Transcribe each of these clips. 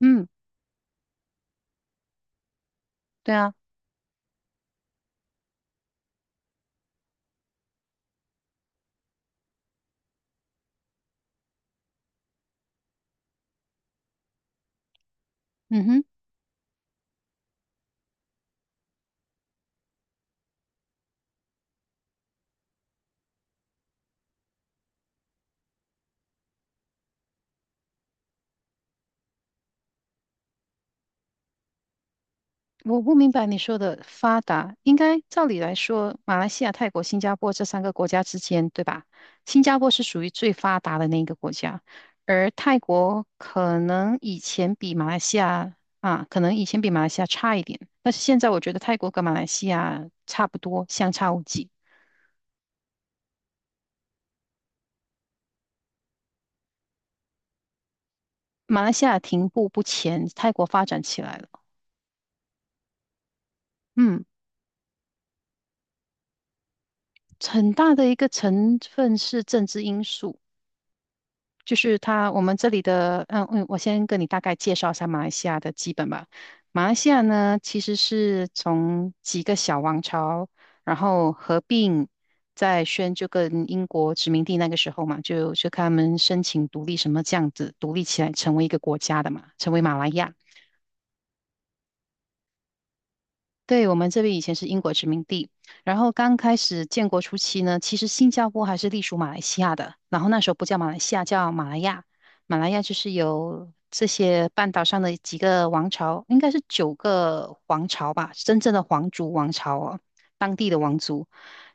嗯，对啊，嗯哼，我不明白你说的发达，应该照理来说，马来西亚、泰国、新加坡这三个国家之间，对吧？新加坡是属于最发达的那一个国家，而泰国可能以前比马来西亚啊，可能以前比马来西亚差一点，但是现在我觉得泰国跟马来西亚差不多，相差无几。马来西亚停步不前，泰国发展起来了。嗯，很大的一个成分是政治因素。就是他，我们这里的，我先跟你大概介绍一下马来西亚的基本吧。马来西亚呢，其实是从几个小王朝，然后合并，在宣就跟英国殖民地那个时候嘛，就看他们申请独立什么这样子，独立起来成为一个国家的嘛，成为马来亚。对，我们这边以前是英国殖民地，然后刚开始建国初期呢，其实新加坡还是隶属马来西亚的，然后那时候不叫马来西亚，叫马来亚。马来亚就是由这些半岛上的几个王朝，应该是九个王朝吧，真正的皇族王朝哦，当地的王族，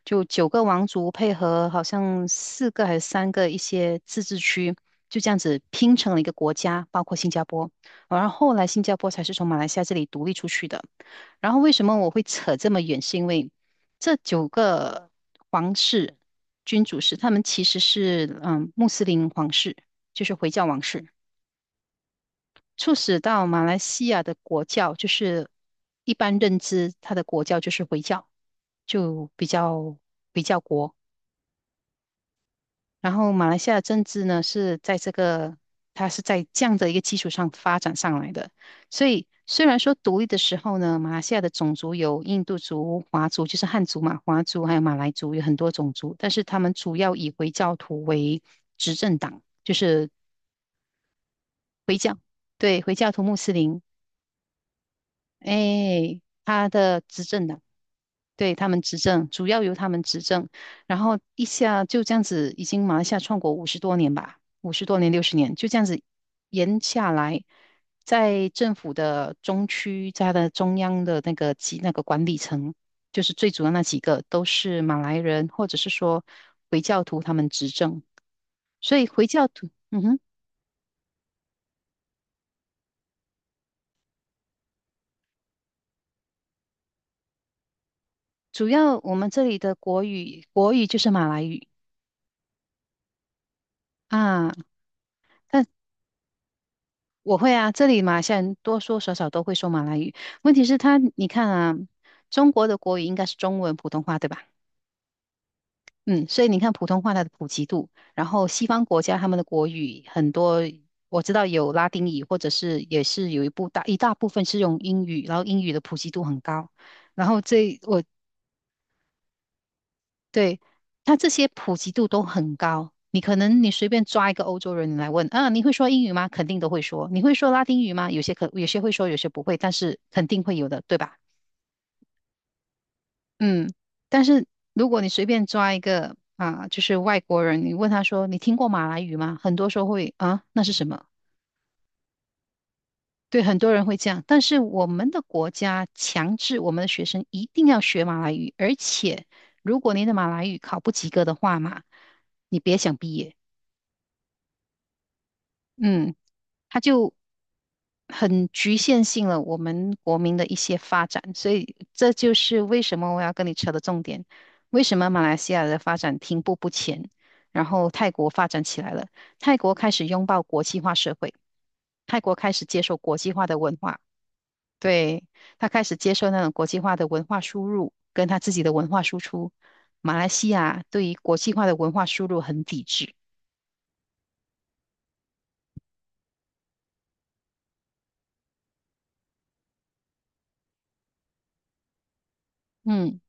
就九个王族配合好像四个还是三个一些自治区，就这样子拼成了一个国家，包括新加坡。然后后来新加坡才是从马来西亚这里独立出去的。然后为什么我会扯这么远？是因为这九个皇室君主是他们其实是穆斯林皇室，就是回教王室，促使到马来西亚的国教就是一般认知，它的国教就是回教，就比较国。然后马来西亚的政治呢，是在这个，它是在这样的一个基础上发展上来的。所以虽然说独立的时候呢，马来西亚的种族有印度族、华族，就是汉族嘛，华族还有马来族，有很多种族，但是他们主要以回教徒为执政党，就是对回教徒、穆斯林哎，他的执政的，对，他们执政，主要由他们执政，然后一下就这样子，已经马来西亚创国五十多年吧，五十多年、60年，就这样子延下来，在政府的中区，在它的中央的那个级那个管理层，就是最主要那几个都是马来人，或者是说回教徒他们执政，所以回教徒，嗯哼，主要我们这里的国语，国语就是马来语。啊，但我会啊，这里马来西亚人多多少少都会说马来语。问题是他，你看啊，中国的国语应该是中文、普通话，对吧？嗯，所以你看普通话它的普及度，然后西方国家他们的国语很多，我知道有拉丁语，或者是也是有一大部分是用英语，然后英语的普及度很高。然后这我对，它这些普及度都很高。你可能你随便抓一个欧洲人你来问，啊，你会说英语吗？肯定都会说。你会说拉丁语吗？有些会说，有些不会，但是肯定会有的，对吧？嗯，但是如果你随便抓一个啊，就是外国人，你问他说你听过马来语吗？很多时候会啊，那是什么？对，很多人会这样。但是我们的国家强制我们的学生一定要学马来语，而且如果你的马来语考不及格的话嘛，你别想毕业。嗯，它就很局限性了我们国民的一些发展，所以这就是为什么我要跟你扯的重点，为什么马来西亚的发展停步不前，然后泰国发展起来了，泰国开始拥抱国际化社会，泰国开始接受国际化的文化，对，他开始接受那种国际化的文化输入，跟他自己的文化输出，马来西亚对于国际化的文化输入很抵制，嗯。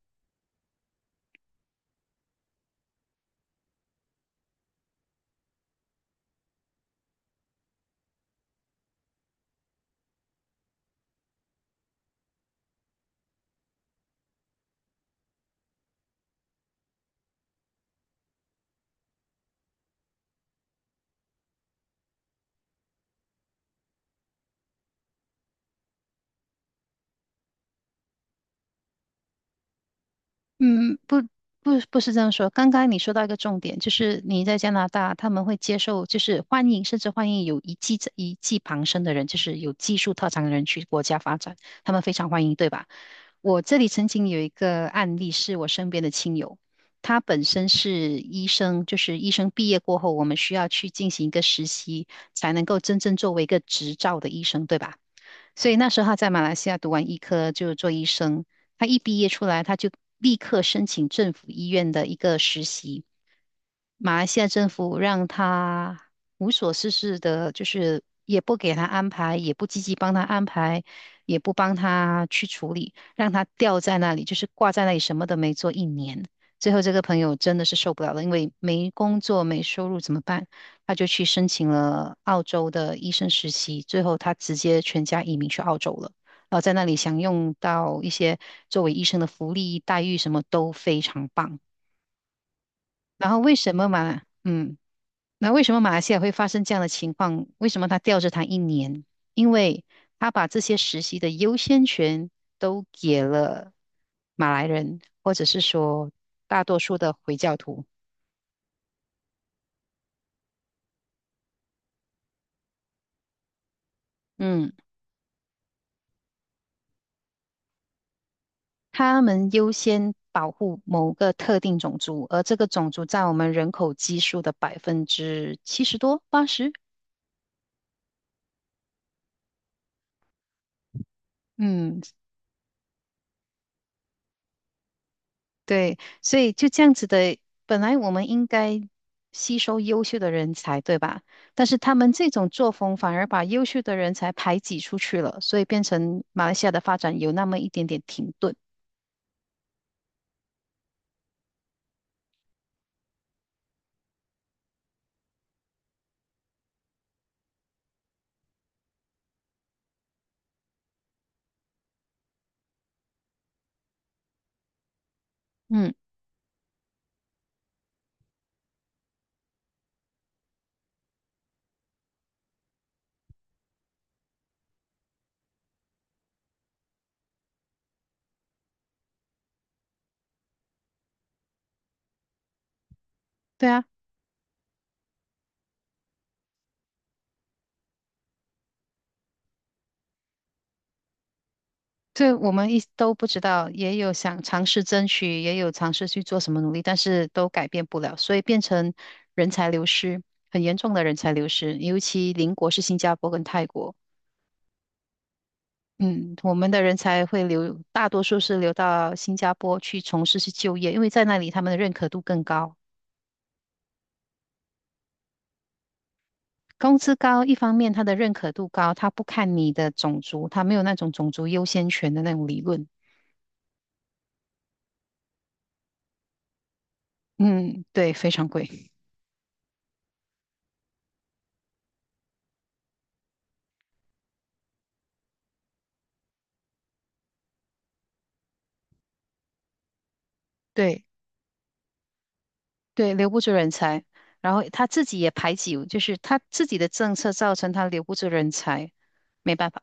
嗯，不是这样说。刚刚你说到一个重点，就是你在加拿大，他们会接受，就是欢迎，甚至欢迎有一技傍身的人，就是有技术特长的人去国家发展，他们非常欢迎，对吧？我这里曾经有一个案例，是我身边的亲友，他本身是医生，就是医生毕业过后，我们需要去进行一个实习，才能够真正作为一个执照的医生，对吧？所以那时候他在马来西亚读完医科就做医生，他一毕业出来，他就立刻申请政府医院的一个实习，马来西亚政府让他无所事事的，就是也不给他安排，也不积极帮他安排，也不帮他去处理，让他吊在那里，就是挂在那里，什么都没做一年。最后这个朋友真的是受不了了，因为没工作、没收入怎么办？他就去申请了澳洲的医生实习，最后他直接全家移民去澳洲了，然后在那里享用到一些作为医生的福利待遇，什么都非常棒。然后为什么嘛？嗯。那为什么马来西亚会发生这样的情况？为什么他吊着他一年？因为他把这些实习的优先权都给了马来人，或者是说大多数的回教徒。嗯，他们优先保护某个特定种族，而这个种族占我们人口基数的70多%、80。嗯，对，所以就这样子的，本来我们应该吸收优秀的人才，对吧？但是他们这种作风反而把优秀的人才排挤出去了，所以变成马来西亚的发展有那么一点点停顿。嗯，对啊，对我们都不知道，也有想尝试争取，也有尝试去做什么努力，但是都改变不了，所以变成人才流失，很严重的人才流失，尤其邻国是新加坡跟泰国。嗯，我们的人才会留，大多数是留到新加坡去从事去就业，因为在那里他们的认可度更高，工资高，一方面他的认可度高，他不看你的种族，他没有那种种族优先权的那种理论。嗯，对，非常贵，对对，留不住人才，然后他自己也排挤，就是他自己的政策造成他留不住人才，没办法。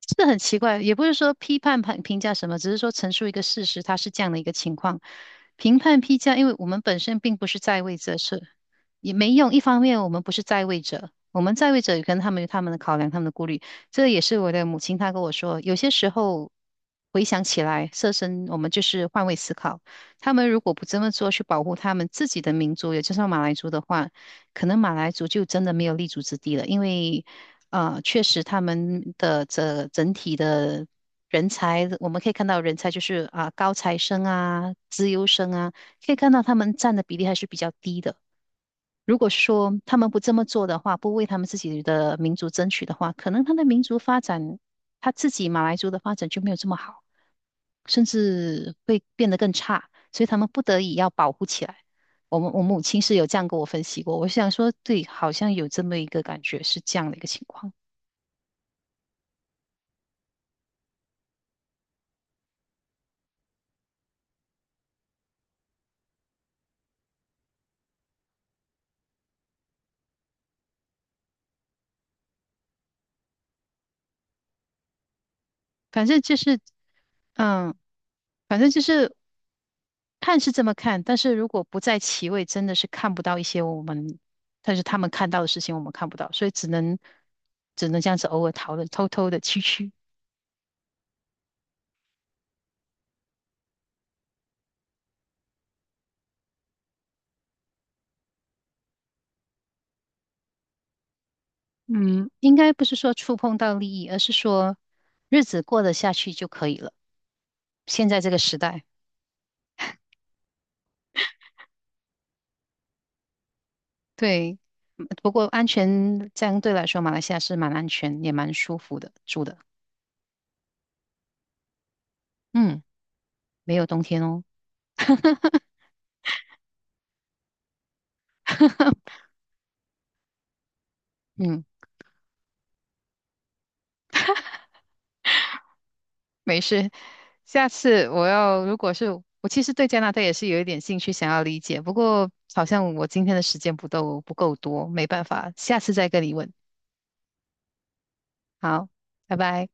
这很奇怪，也不是说批判评价什么，只是说陈述一个事实，它是这样的一个情况。评判批价，因为我们本身并不是在位者，是也没用。一方面，我们不是在位者，我们在位者可能他们有他们的考量，他们的顾虑。这也是我的母亲她跟我说，有些时候回想起来，设身我们就是换位思考。他们如果不这么做去保护他们自己的民族，也就是马来族的话，可能马来族就真的没有立足之地了，因为。啊，确实他们的这整体的人才，我们可以看到人才就是啊高材生啊、资优生啊，可以看到他们占的比例还是比较低的。如果说他们不这么做的话，不为他们自己的民族争取的话，可能他的民族发展，他自己马来族的发展就没有这么好，甚至会变得更差，所以他们不得已要保护起来。我们我母亲是有这样跟我分析过，我想说，对，好像有这么一个感觉，是这样的一个情况。反正就是，嗯，反正就是看是这么看，但是如果不在其位，真的是看不到一些我们，但是他们看到的事情我们看不到，所以只能这样子偶尔讨论，偷偷的蛐蛐。嗯，应该不是说触碰到利益，而是说日子过得下去就可以了。现在这个时代，对，嗯不过安全相对来说，马来西亚是蛮安全，也蛮舒服的住的。嗯，没有冬天哦。嗯。没事，下次我要，如果是我其实对加拿大也是有一点兴趣，想要理解，不过好像我今天的时间不够多，没办法，下次再跟你问。好，拜拜。